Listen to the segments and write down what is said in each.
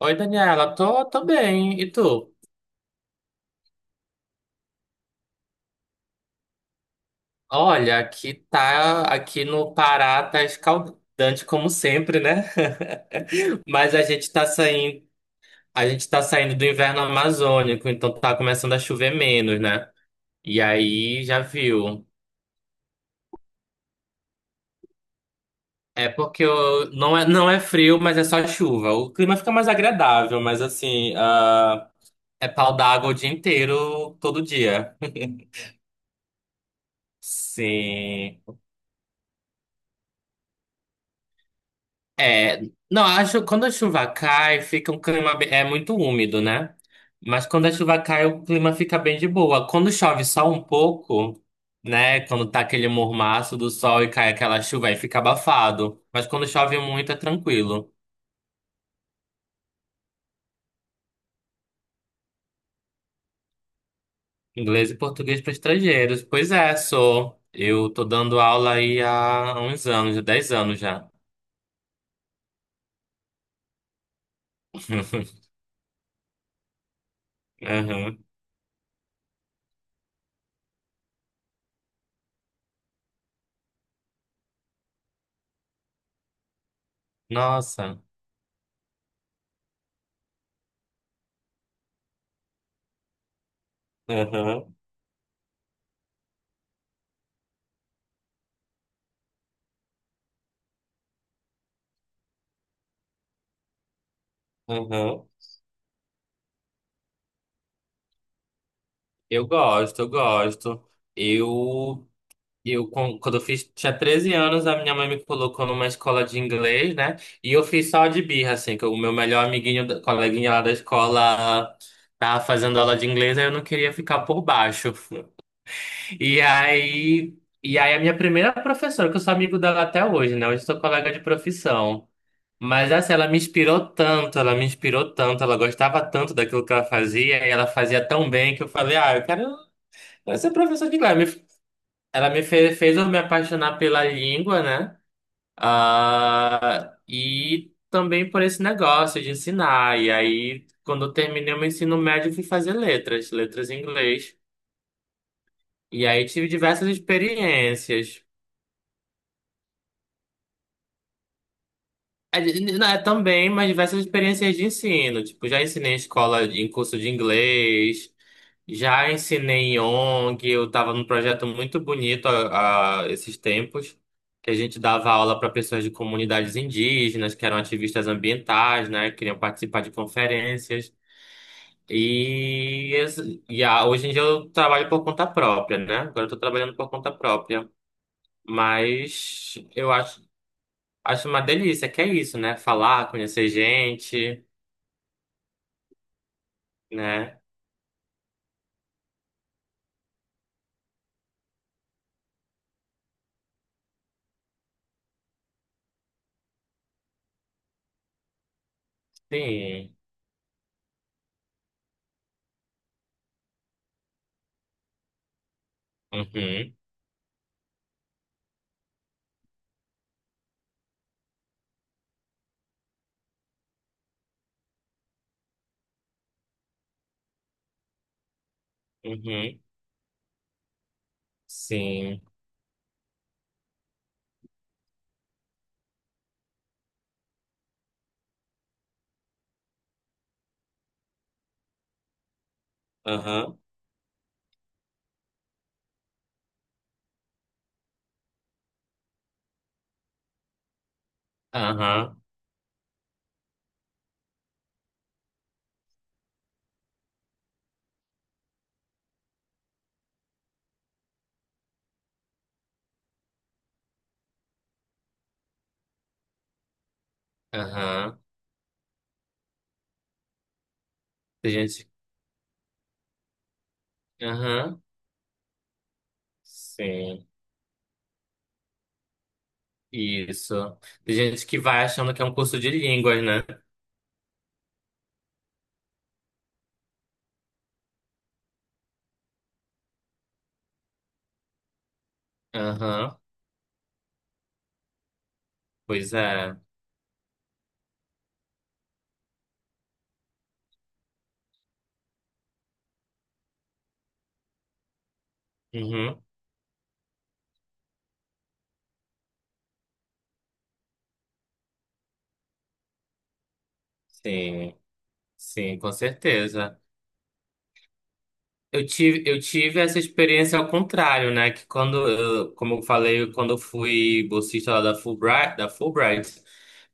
Oi, Daniela, tô bem. E tu? Olha, aqui no Pará tá escaldante como sempre, né? Mas a gente tá saindo, a gente tá saindo do inverno amazônico, então tá começando a chover menos, né? E aí já viu. Não é frio, mas é só chuva. O clima fica mais agradável, mas assim, é pau d'água o dia inteiro, todo dia. Sim. É, não, acho quando a chuva cai, fica um clima é muito úmido, né? Mas quando a chuva cai, o clima fica bem de boa. Quando chove só um pouco, né? Quando tá aquele mormaço do sol e cai aquela chuva, aí fica abafado. Mas quando chove muito, é tranquilo. Inglês e português para estrangeiros. Pois é, sou. Eu tô dando aula aí há uns anos, 10 anos já. Aham. Nossa. Aham, aham. Eu gosto, eu gosto. Eu E eu, quando eu fiz, tinha 13 anos, a minha mãe me colocou numa escola de inglês, né? E eu fiz só de birra, assim, que o meu melhor amiguinho, coleguinha lá da escola, tava fazendo aula de inglês, aí eu não queria ficar por baixo. E aí, e aí, a minha primeira professora, que eu sou amigo dela até hoje, né? Hoje eu sou colega de profissão. Mas assim, ela me inspirou tanto, ela me inspirou tanto, ela gostava tanto daquilo que ela fazia, e ela fazia tão bem que eu falei, ah, eu quero ser professor de inglês. Ela fez eu me apaixonar pela língua, né? Ah, e também por esse negócio de ensinar. E aí, quando eu terminei o meu ensino médio, eu fui fazer letras, letras em inglês. E aí tive diversas experiências. É, né, também, mas diversas experiências de ensino. Tipo, já ensinei em escola, em curso de inglês, já ensinei em ONG. Eu estava num projeto muito bonito esses tempos, que a gente dava aula para pessoas de comunidades indígenas, que eram ativistas ambientais, né? Queriam participar de conferências. Hoje em dia eu trabalho por conta própria, né? Agora eu estou trabalhando por conta própria. Mas eu acho. Acho uma delícia, que é isso, né? Falar, conhecer gente, né? Sim. Uhum, uhum. Sim. Aham, aham, aham. Tem gente. Aham, sim. Isso. Tem gente que vai achando que é um curso de línguas, né? Aham, pois é. Uhum, sim, sim, com certeza. Eu tive essa experiência ao contrário, né? Que quando, como eu falei, quando eu fui bolsista lá da Fulbright,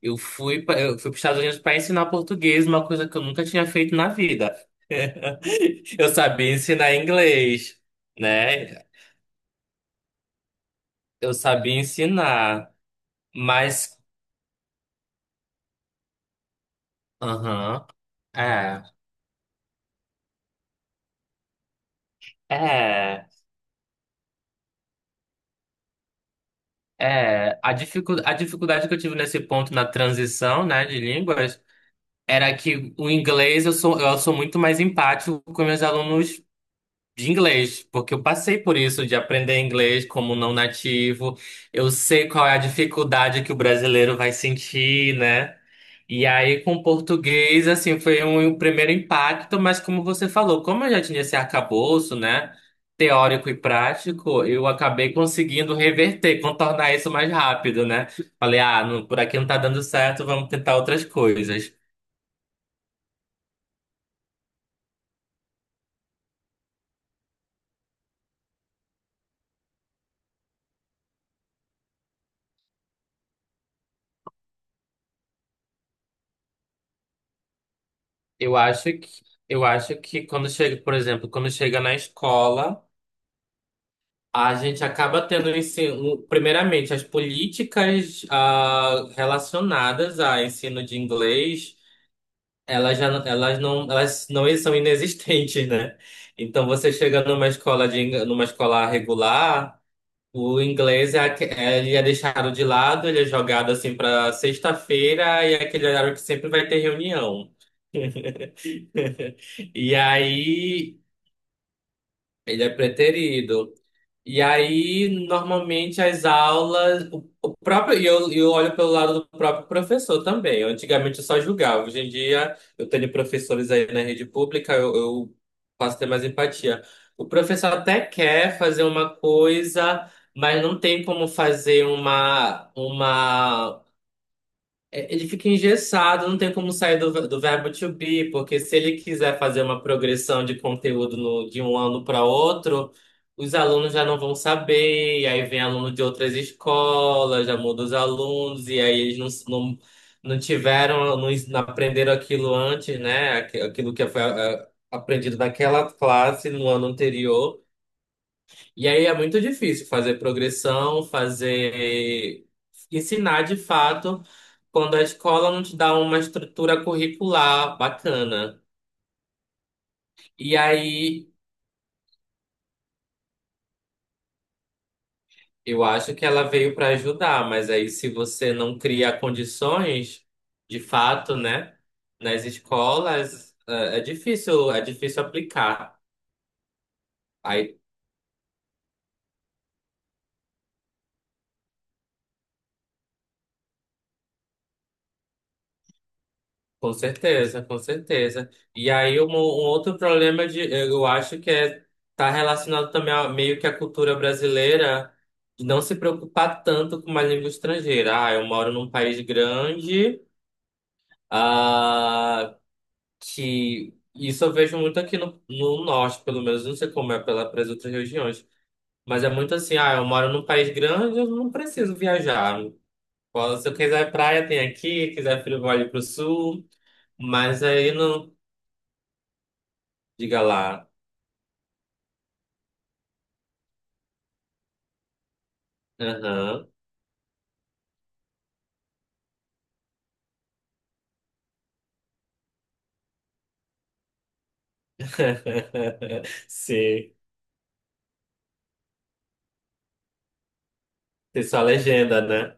eu fui para os Estados Unidos para ensinar português, uma coisa que eu nunca tinha feito na vida. Eu sabia ensinar inglês, né? Eu sabia ensinar, mas, aham, é, é, é. A dificuldade que eu tive nesse ponto na transição, né, de línguas. Era que o inglês eu sou muito mais empático com meus alunos de inglês, porque eu passei por isso de aprender inglês como não nativo. Eu sei qual é a dificuldade que o brasileiro vai sentir, né? E aí com o português, assim, foi um primeiro impacto, mas como você falou, como eu já tinha esse arcabouço, né? Teórico e prático, eu acabei conseguindo reverter, contornar isso mais rápido, né? Falei, ah, por aqui não tá dando certo, vamos tentar outras coisas. Eu acho que, eu acho que quando chega, por exemplo, quando chega na escola, a gente acaba tendo um ensino, primeiramente, as políticas relacionadas a ensino de inglês, elas já, elas não são inexistentes, né? Então você chega numa escola regular, o inglês ele é deixado de lado, ele é jogado assim para sexta-feira e é aquele horário que sempre vai ter reunião. E aí Ele é preterido. E aí, normalmente, as aulas, o próprio, e eu olho pelo lado do próprio professor também. Antigamente eu só julgava. Hoje em dia eu tenho professores aí na rede pública, eu passo a ter mais empatia. O professor até quer fazer uma coisa, mas não tem como fazer Ele fica engessado, não tem como sair do verbo to be, porque se ele quiser fazer uma progressão de conteúdo de um ano para outro, os alunos já não vão saber, e aí vem aluno de outras escolas, já muda os alunos, e aí eles não tiveram, não aprenderam aquilo antes, né? Aquilo que foi aprendido naquela classe no ano anterior. E aí é muito difícil fazer progressão, fazer ensinar de fato quando a escola não te dá uma estrutura curricular bacana. E aí eu acho que ela veio para ajudar, mas aí se você não cria condições de fato, né, nas escolas, é difícil, é difícil aplicar. Aí Com certeza, com certeza. E aí, um outro problema de, eu acho que é tá relacionado também a, meio que à cultura brasileira de não se preocupar tanto com uma língua estrangeira. Ah, eu moro num país grande, ah, que isso eu vejo muito aqui no norte, pelo menos, não sei como é para outras regiões, mas é muito assim, eu moro num país grande, eu não preciso viajar. Se eu quiser praia, tem aqui, quiser frio, vou ali pro sul. Mas aí não, Diga lá. Aham. Sim. Tem só a legenda, né?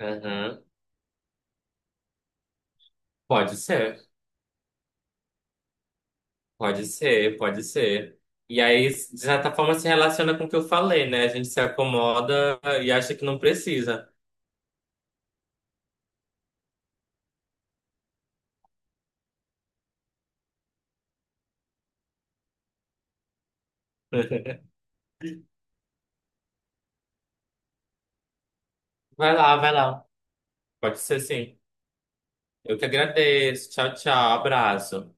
Aham. Pode ser. Pode ser, pode ser. E aí, de certa forma, se relaciona com o que eu falei, né? A gente se acomoda e acha que não precisa. Vai lá, vai lá. Pode ser, sim. Eu que agradeço. Tchau, tchau. Abraço.